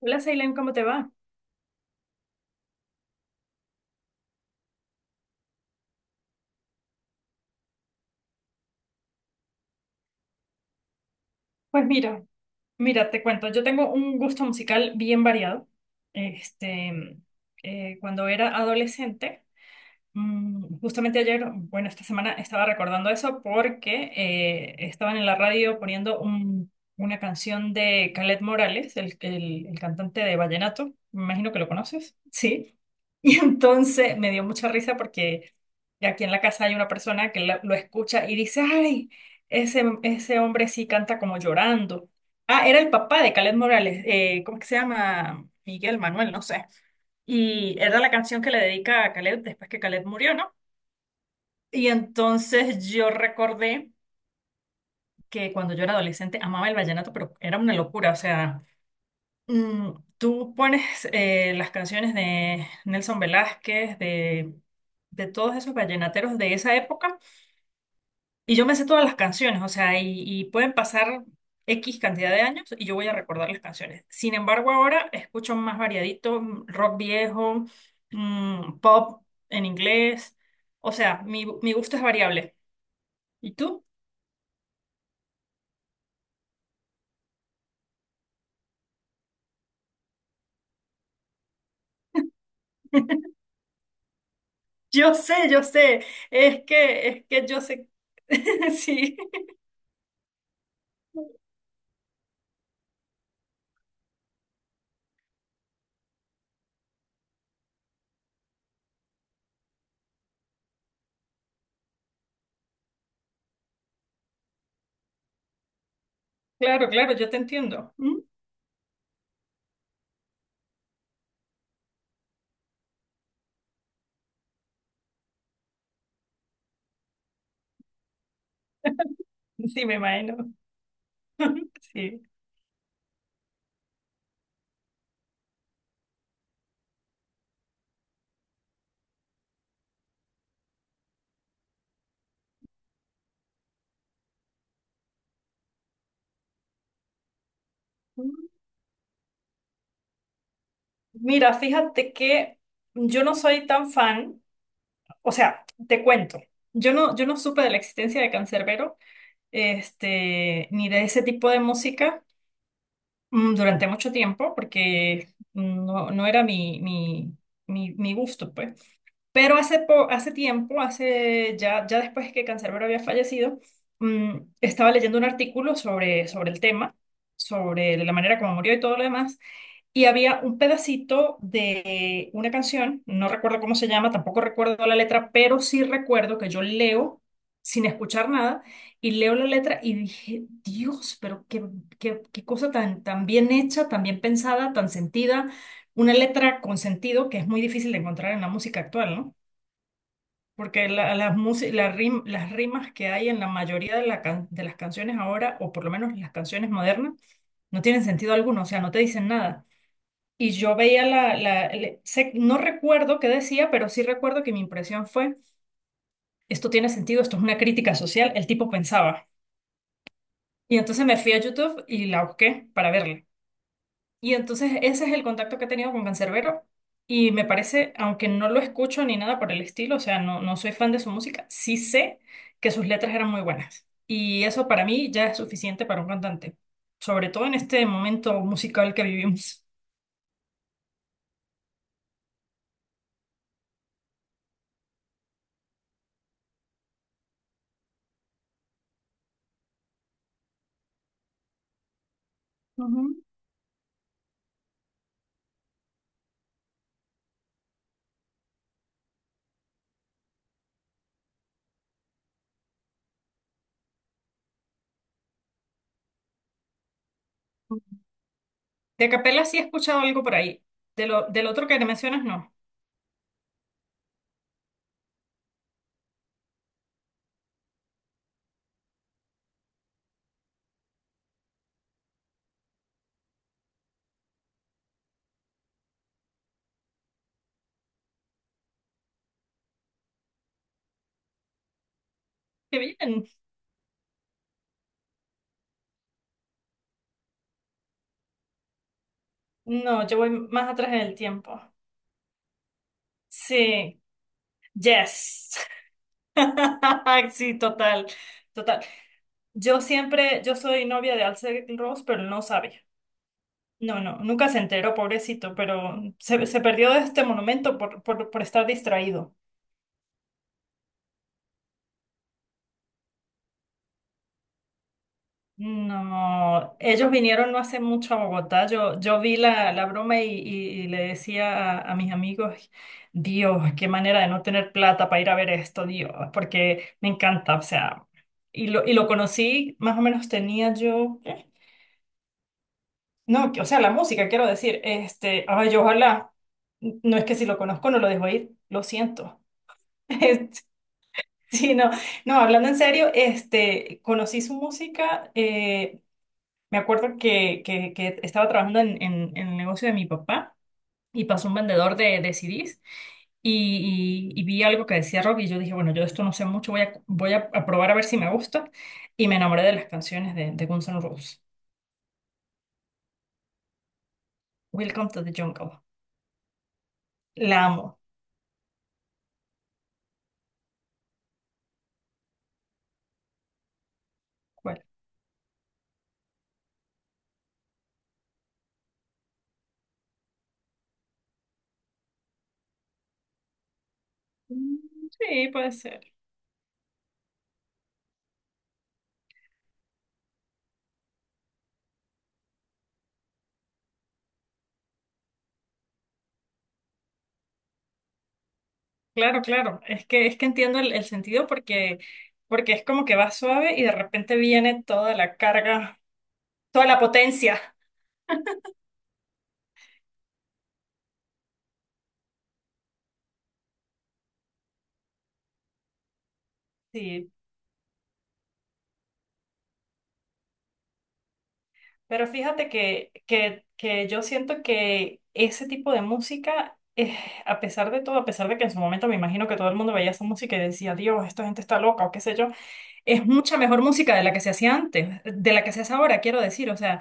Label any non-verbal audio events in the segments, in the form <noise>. Hola, Ceylan, ¿cómo te va? Pues mira, mira, te cuento, yo tengo un gusto musical bien variado. Este, Cuando era adolescente, justamente ayer, bueno, esta semana estaba recordando eso porque estaban en la radio poniendo una canción de Calet Morales, el cantante de vallenato, me imagino que lo conoces, sí. <laughs> Y entonces me dio mucha risa porque aquí en la casa hay una persona que lo escucha y dice, ay, ese hombre sí canta como llorando. Ah, era el papá de Calet Morales, ¿cómo que se llama? Miguel Manuel, no sé. Y era la canción que le dedica a Caleb después que Caleb murió, ¿no? Y entonces yo recordé que cuando yo era adolescente amaba el vallenato, pero era una locura. O sea, mm, tú pones las canciones de Nelson Velázquez, de todos esos vallenateros de esa época, y yo me sé todas las canciones, o sea, y pueden pasar X cantidad de años y yo voy a recordar las canciones. Sin embargo, ahora escucho más variadito, rock viejo, pop en inglés. O sea, mi gusto es variable. ¿Y tú? <laughs> Yo sé, yo sé. Es que yo sé. <laughs> Sí, claro, claro, yo te entiendo. ¿Mm? Sí, me imagino. Sí. Mira, fíjate que yo no soy tan fan. O sea, te cuento, yo no supe de la existencia de Cancerbero, este, ni de ese tipo de música, durante mucho tiempo, porque no, no era mi gusto, pues. Pero hace, hace tiempo, hace ya, ya después que Cancerbero había fallecido, estaba leyendo un artículo sobre, sobre el tema, sobre la manera como murió y todo lo demás, y había un pedacito de una canción, no recuerdo cómo se llama, tampoco recuerdo la letra, pero sí recuerdo que yo leo sin escuchar nada y leo la letra y dije, Dios, pero qué cosa tan, tan bien hecha, tan bien pensada, tan sentida, una letra con sentido que es muy difícil de encontrar en la música actual, ¿no? Porque las rimas que hay en la mayoría de, de las canciones ahora, o por lo menos las canciones modernas, no tienen sentido alguno, o sea, no te dicen nada. Y yo veía no recuerdo qué decía, pero sí recuerdo que mi impresión fue, esto tiene sentido, esto es una crítica social, el tipo pensaba. Y entonces me fui a YouTube y la busqué para verla. Y entonces ese es el contacto que he tenido con Canserbero y me parece, aunque no lo escucho ni nada por el estilo, o sea, no, no soy fan de su música, sí sé que sus letras eran muy buenas. Y eso para mí ya es suficiente para un cantante, sobre todo en este momento musical que vivimos. Ujú. De capela sí he escuchado algo por ahí. De lo, del otro que te mencionas, no. Qué bien. No, yo voy más atrás en el tiempo. Sí. Yes. <laughs> Sí, total. Total. Yo siempre, yo soy novia de Axl Rose, pero él no sabe. No, no, nunca se enteró, pobrecito, pero se perdió de este monumento por estar distraído. No, ellos vinieron no hace mucho a Bogotá. Yo vi la broma y, y le decía a mis amigos, Dios, qué manera de no tener plata para ir a ver esto, Dios, porque me encanta, o sea, y lo conocí, más o menos tenía yo, ¿qué? No, o sea, la música, quiero decir, este, ay, yo ojalá, no es que si lo conozco no lo dejo ir, lo siento. <laughs> Este, sí, no, no, hablando en serio, este, conocí su música. Me acuerdo que, que estaba trabajando en, en el negocio de mi papá y pasó un vendedor de CDs y, y vi algo que decía rock y yo dije, bueno, yo de esto no sé mucho, voy a, voy a probar a ver si me gusta y me enamoré de las canciones de Guns N' Roses. Welcome to the Jungle. La amo. ¿Cuál? Mm, sí, puede ser. Claro, claro. Es que entiendo el sentido porque, porque es como que va suave y de repente viene toda la carga, toda la potencia. Sí, pero fíjate que, que yo siento que ese tipo de música, a pesar de todo, a pesar de que en su momento me imagino que todo el mundo veía esa música y decía, Dios, esta gente está loca o qué sé yo, es mucha mejor música de la que se hacía antes, de la que se hace ahora, quiero decir. O sea,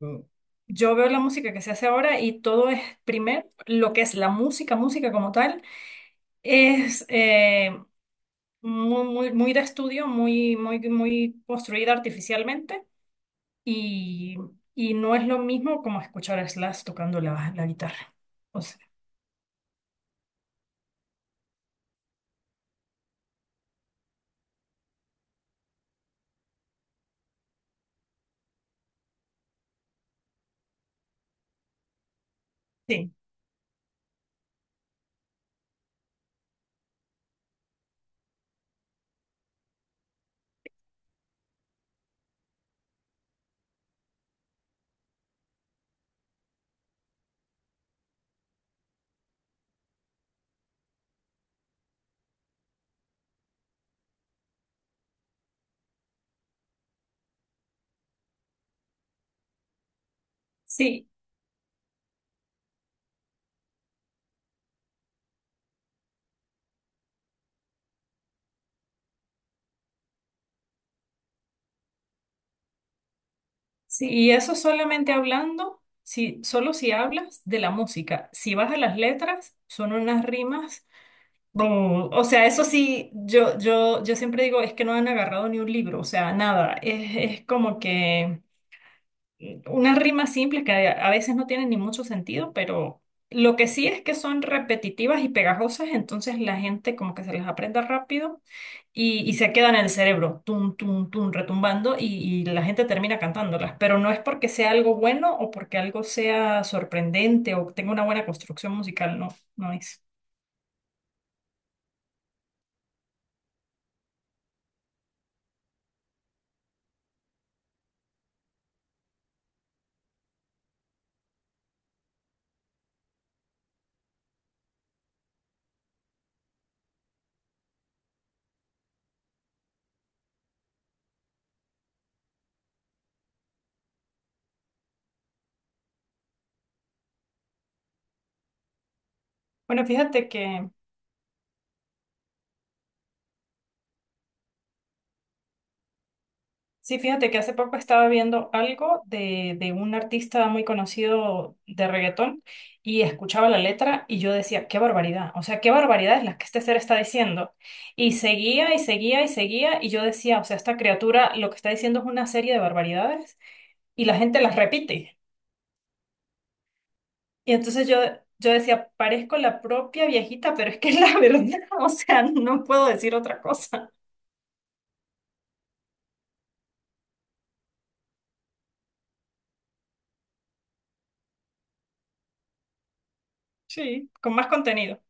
mm, yo veo la música que se hace ahora y todo es, primero, lo que es la música, música como tal, es muy de estudio, muy construida artificialmente y, y no es lo mismo como escuchar a Slash tocando la guitarra. O sea, sí, sí, sí, y eso solamente hablando, si, solo si hablas de la música. Si vas a las letras, son unas rimas. O sea, eso sí, yo siempre digo, es que no han agarrado ni un libro, o sea, nada. Es como que unas rimas simples que a veces no tienen ni mucho sentido, pero lo que sí es que son repetitivas y pegajosas, entonces la gente como que se las aprende rápido y se quedan en el cerebro, tum, tum, tum, retumbando y la gente termina cantándolas, pero no es porque sea algo bueno o porque algo sea sorprendente o tenga una buena construcción musical, no, no es. Bueno, fíjate que sí, fíjate que hace poco estaba viendo algo de un artista muy conocido de reggaetón y escuchaba la letra y yo decía, qué barbaridad, o sea, qué barbaridad es la que este ser está diciendo. Y seguía y seguía y seguía y yo decía, o sea, esta criatura lo que está diciendo es una serie de barbaridades y la gente las repite. Y entonces yo decía, parezco la propia viejita, pero es que es la <laughs> verdad, o sea, no puedo decir otra cosa. Sí, con más contenido.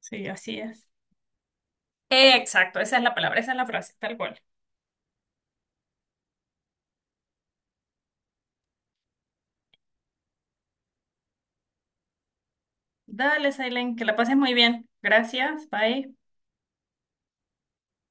Sí, así es. Exacto, esa es la palabra, esa es la frase, tal cual. Dale, Silent, que la pases muy bien. Gracias, bye.